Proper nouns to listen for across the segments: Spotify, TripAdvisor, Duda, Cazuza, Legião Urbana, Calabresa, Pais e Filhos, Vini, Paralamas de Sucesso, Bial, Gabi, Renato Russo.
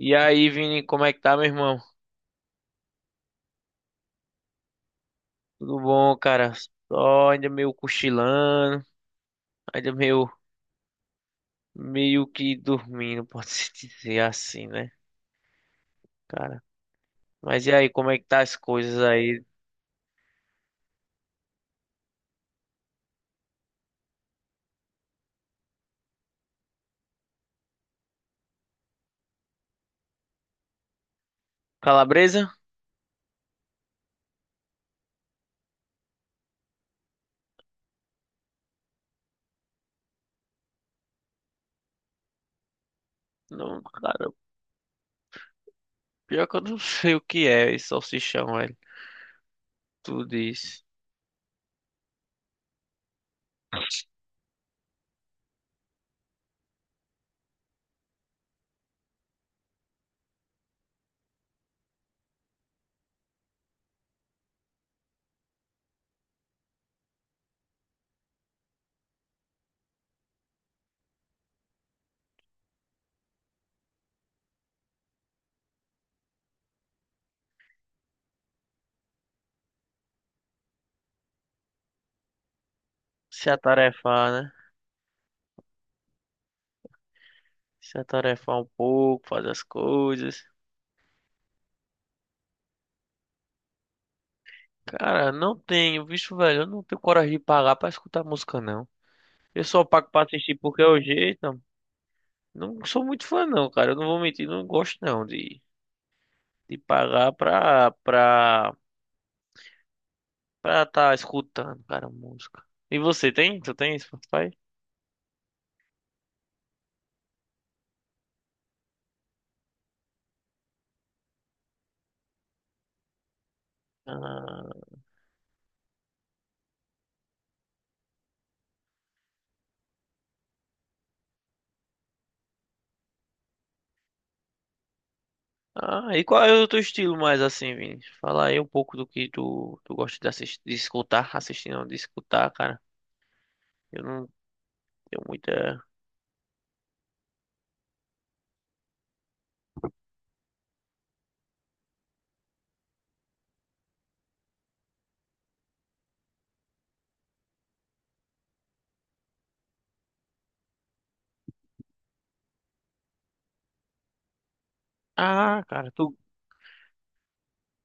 E aí, Vini, como é que tá, meu irmão? Tudo bom, cara? Só ainda meio cochilando, ainda meio, meio que dormindo, pode-se dizer assim, né, cara? Mas e aí, como é que tá as coisas aí? Calabresa? Não, cara, pior que eu não sei o que é esse salsichão, velho. Tudo isso. Se atarefar, né? Se atarefar um pouco, fazer as coisas. Cara, não tenho, bicho, velho, eu não tenho coragem de pagar pra escutar música, não. Eu só pago pra assistir porque é o jeito. Não sou muito fã, não, cara. Eu não vou mentir, não gosto não de, de pagar pra tá escutando, cara, música. E você tem? Tu tem Spotify? Ah, e qual é o teu estilo mais assim, Vini? Fala aí um pouco do que tu gosta de assistir, de escutar, assistir não, de escutar, cara. Eu não tenho muita. Ah, cara, tu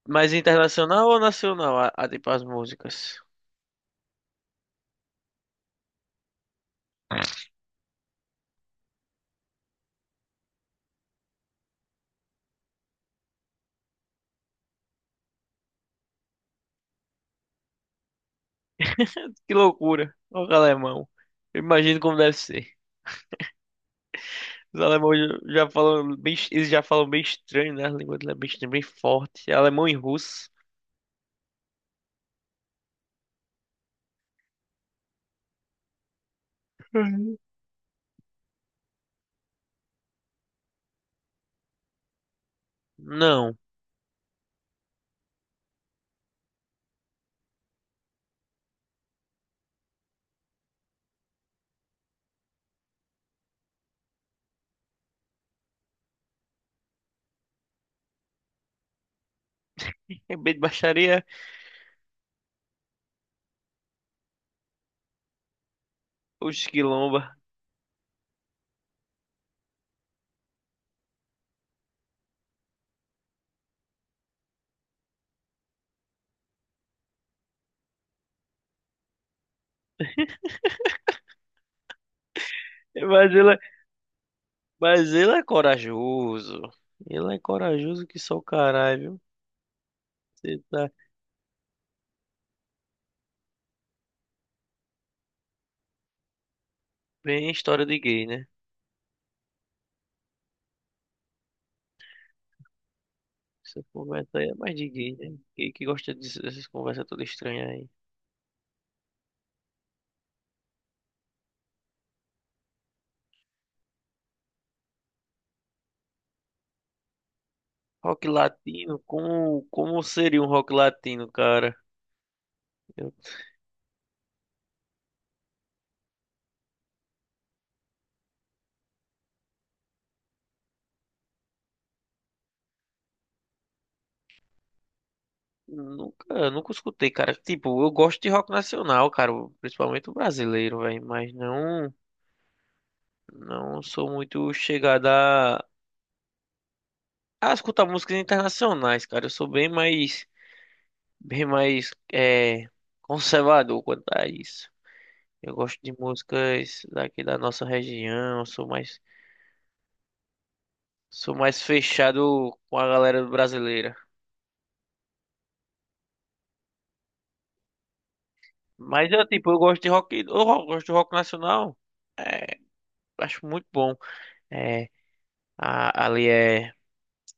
mais internacional ou nacional? Tipo as músicas. Que loucura, olha o alemão. Eu imagino como deve ser. Os alemães já falam bem, eles já falam bem estranho, né? A língua dele é bem estranha, bem forte. É alemão e russo. Uhum. Não. É bem de baixaria, os quilomba. Mas ele, é- mas ele é corajoso. Ele é corajoso que só o caralho, viu? Você tá bem história de gay, né? Essa conversa aí é mais de gay, né? Gay que gosta dessas conversas todas estranhas aí. Rock latino, como seria um rock latino, cara? Nunca escutei, cara. Tipo, eu gosto de rock nacional, cara, principalmente o brasileiro, velho, não sou muito chegada a escutar músicas internacionais, cara. Eu sou bem mais, bem mais é, conservador quanto a isso. Eu gosto de músicas daqui da nossa região, sou mais fechado com a galera brasileira. Mas eu, tipo, eu gosto de rock, eu gosto de rock nacional, acho muito bom. É, ali é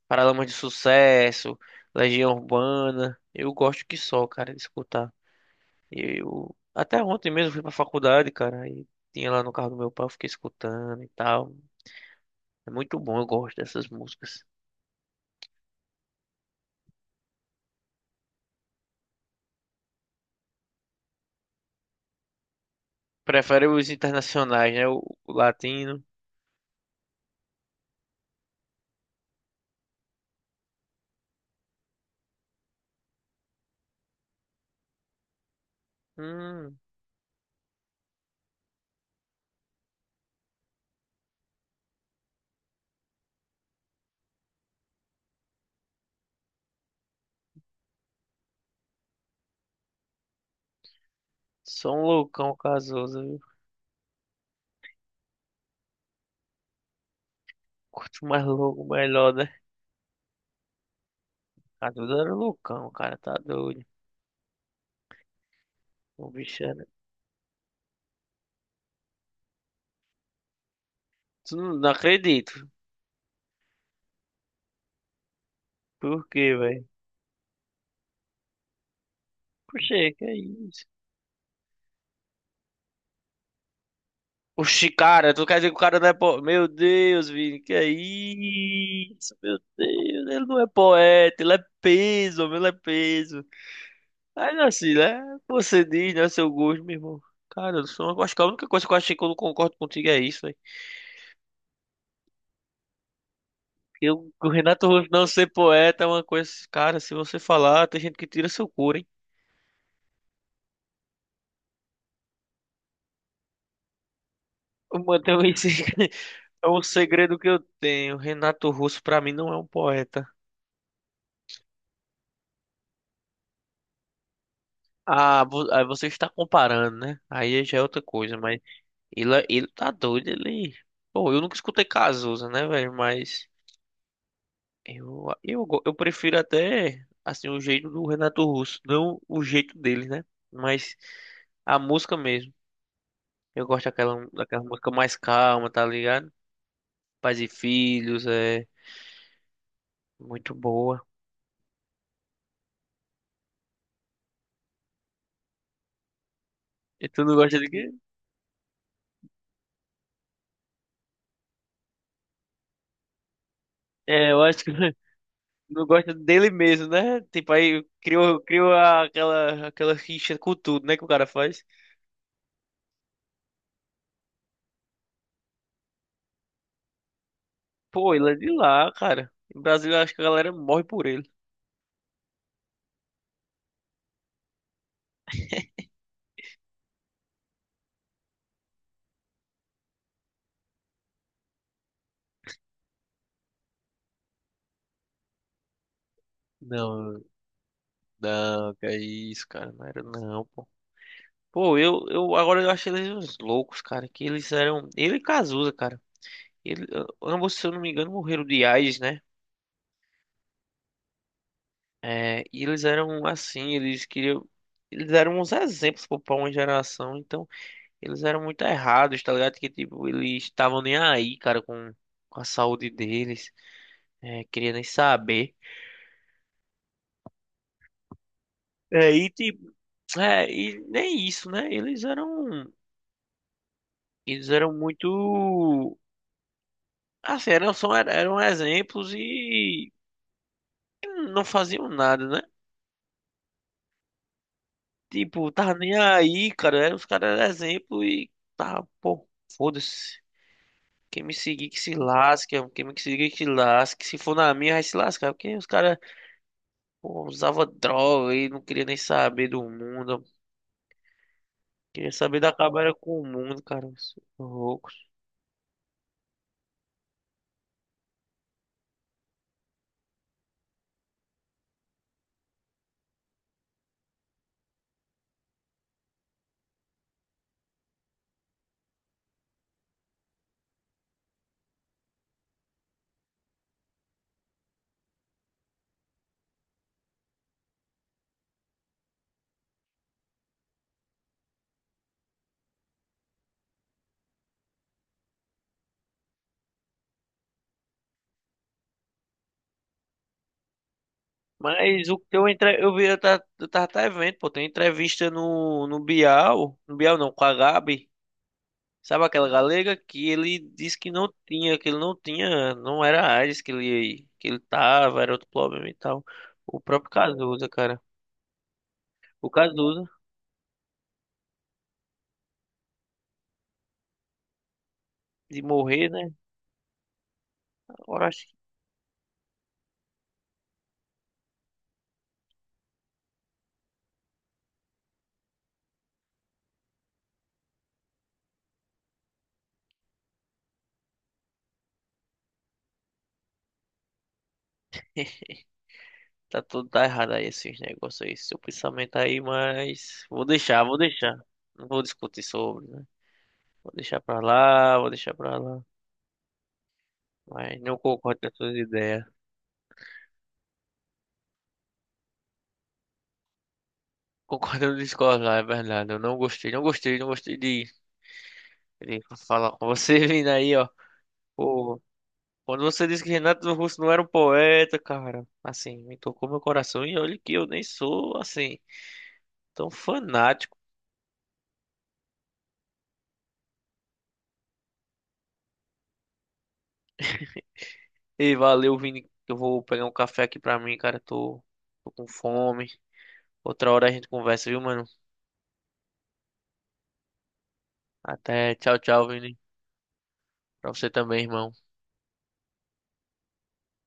Paralamas de Sucesso, Legião Urbana. Eu gosto que só, cara, de escutar. Eu até ontem mesmo fui pra faculdade, cara, e tinha lá no carro do meu pai, eu fiquei escutando e tal. É muito bom, eu gosto dessas músicas. Prefere os internacionais, né? O latino. Hum, sou um loucão casoso, viu? Quanto mais louco, melhor, né? A Duda era um loucão, cara, tá doido. O bicho era... Tu não, não acredito. Por quê, velho? Poxa, que é isso? Oxi, cara, tu quer dizer que o cara não é poeta? Meu Deus, Vini, que é isso? Meu Deus, ele não é poeta, ele é peso, meu, ele é peso. Mas assim, né? Você diz, né? Seu gosto, meu irmão. Cara, eu sou, eu acho que a única coisa que eu achei que eu não concordo contigo é isso, velho. Eu, o Renato Russo não ser poeta é uma coisa, cara, se você falar, tem gente que tira seu couro, hein? Mano, também esse é um segredo que eu tenho. Renato Russo, pra mim, não é um poeta. Ah, você está comparando, né? Aí já é outra coisa, mas ele tá doido, ele... Bom, eu nunca escutei Cazuza, né, velho? Mas eu prefiro até, assim, o jeito do Renato Russo, não o jeito dele, né? Mas a música mesmo. Eu gosto daquela música mais calma, tá ligado? Pais e Filhos, é muito boa. E tu não gosta de quê? É, eu acho que... Não gosta dele mesmo, né? Tipo, criou aquela rixa com tudo, né? Que o cara faz. Pô, ele é de lá, cara. No Brasil, eu acho que a galera morre por ele. Não, não, que é isso, cara. Não era não, pô. Pô, eu agora eu acho eles uns loucos, cara. Que eles eram. Ele e Cazuza, cara. Ele, ambos, se eu não me engano, morreram de AIDS, né? É, e eles eram assim, eles queriam. Eles eram uns exemplos pô, pra uma geração. Então. Eles eram muito errados, tá ligado? Que tipo, eles estavam nem aí, cara, com a saúde deles. É, queria nem saber. É, e tipo, é, e nem isso, né? Eles eram muito, assim, eram, só, eram exemplos e não faziam nada, né? Tipo, tava nem aí, cara. Eram os caras eram exemplo e tá, pô, foda-se. Quem me seguir que se lasque, quem me seguir que se lasque. Se for na minha, vai se lascar, porque os caras pô, usava droga e não queria nem saber do mundo. Queria saber da cabra com o mundo, cara. Sou louco. Mas o que eu entre... eu vi, eu tava até vendo, pô, tem entrevista no Bial, no Bial não, com a Gabi, sabe aquela galega que ele disse que não tinha, que ele não tinha, não era a AIDS que ele tava, era outro problema e tal. O próprio Cazuza, cara. O Cazuza, de morrer, né? Agora acho tá tudo tá errado aí esses negócios aí, seu pensamento aí, mas vou deixar, vou deixar. Não vou discutir sobre, né? Vou deixar pra lá, vou deixar pra lá. Mas não concordo com as suas ideias. Concordo ou discordo, é verdade. Eu não gostei, não gostei, não gostei de falar com você vindo aí, ó. Pô, quando você disse que Renato Russo não era um poeta, cara, assim, me tocou meu coração e olha que eu nem sou, assim, tão fanático. E valeu, Vini, que eu vou pegar um café aqui pra mim, cara, tô com fome. Outra hora a gente conversa, viu, mano? Até tchau, tchau, Vini. Pra você também, irmão.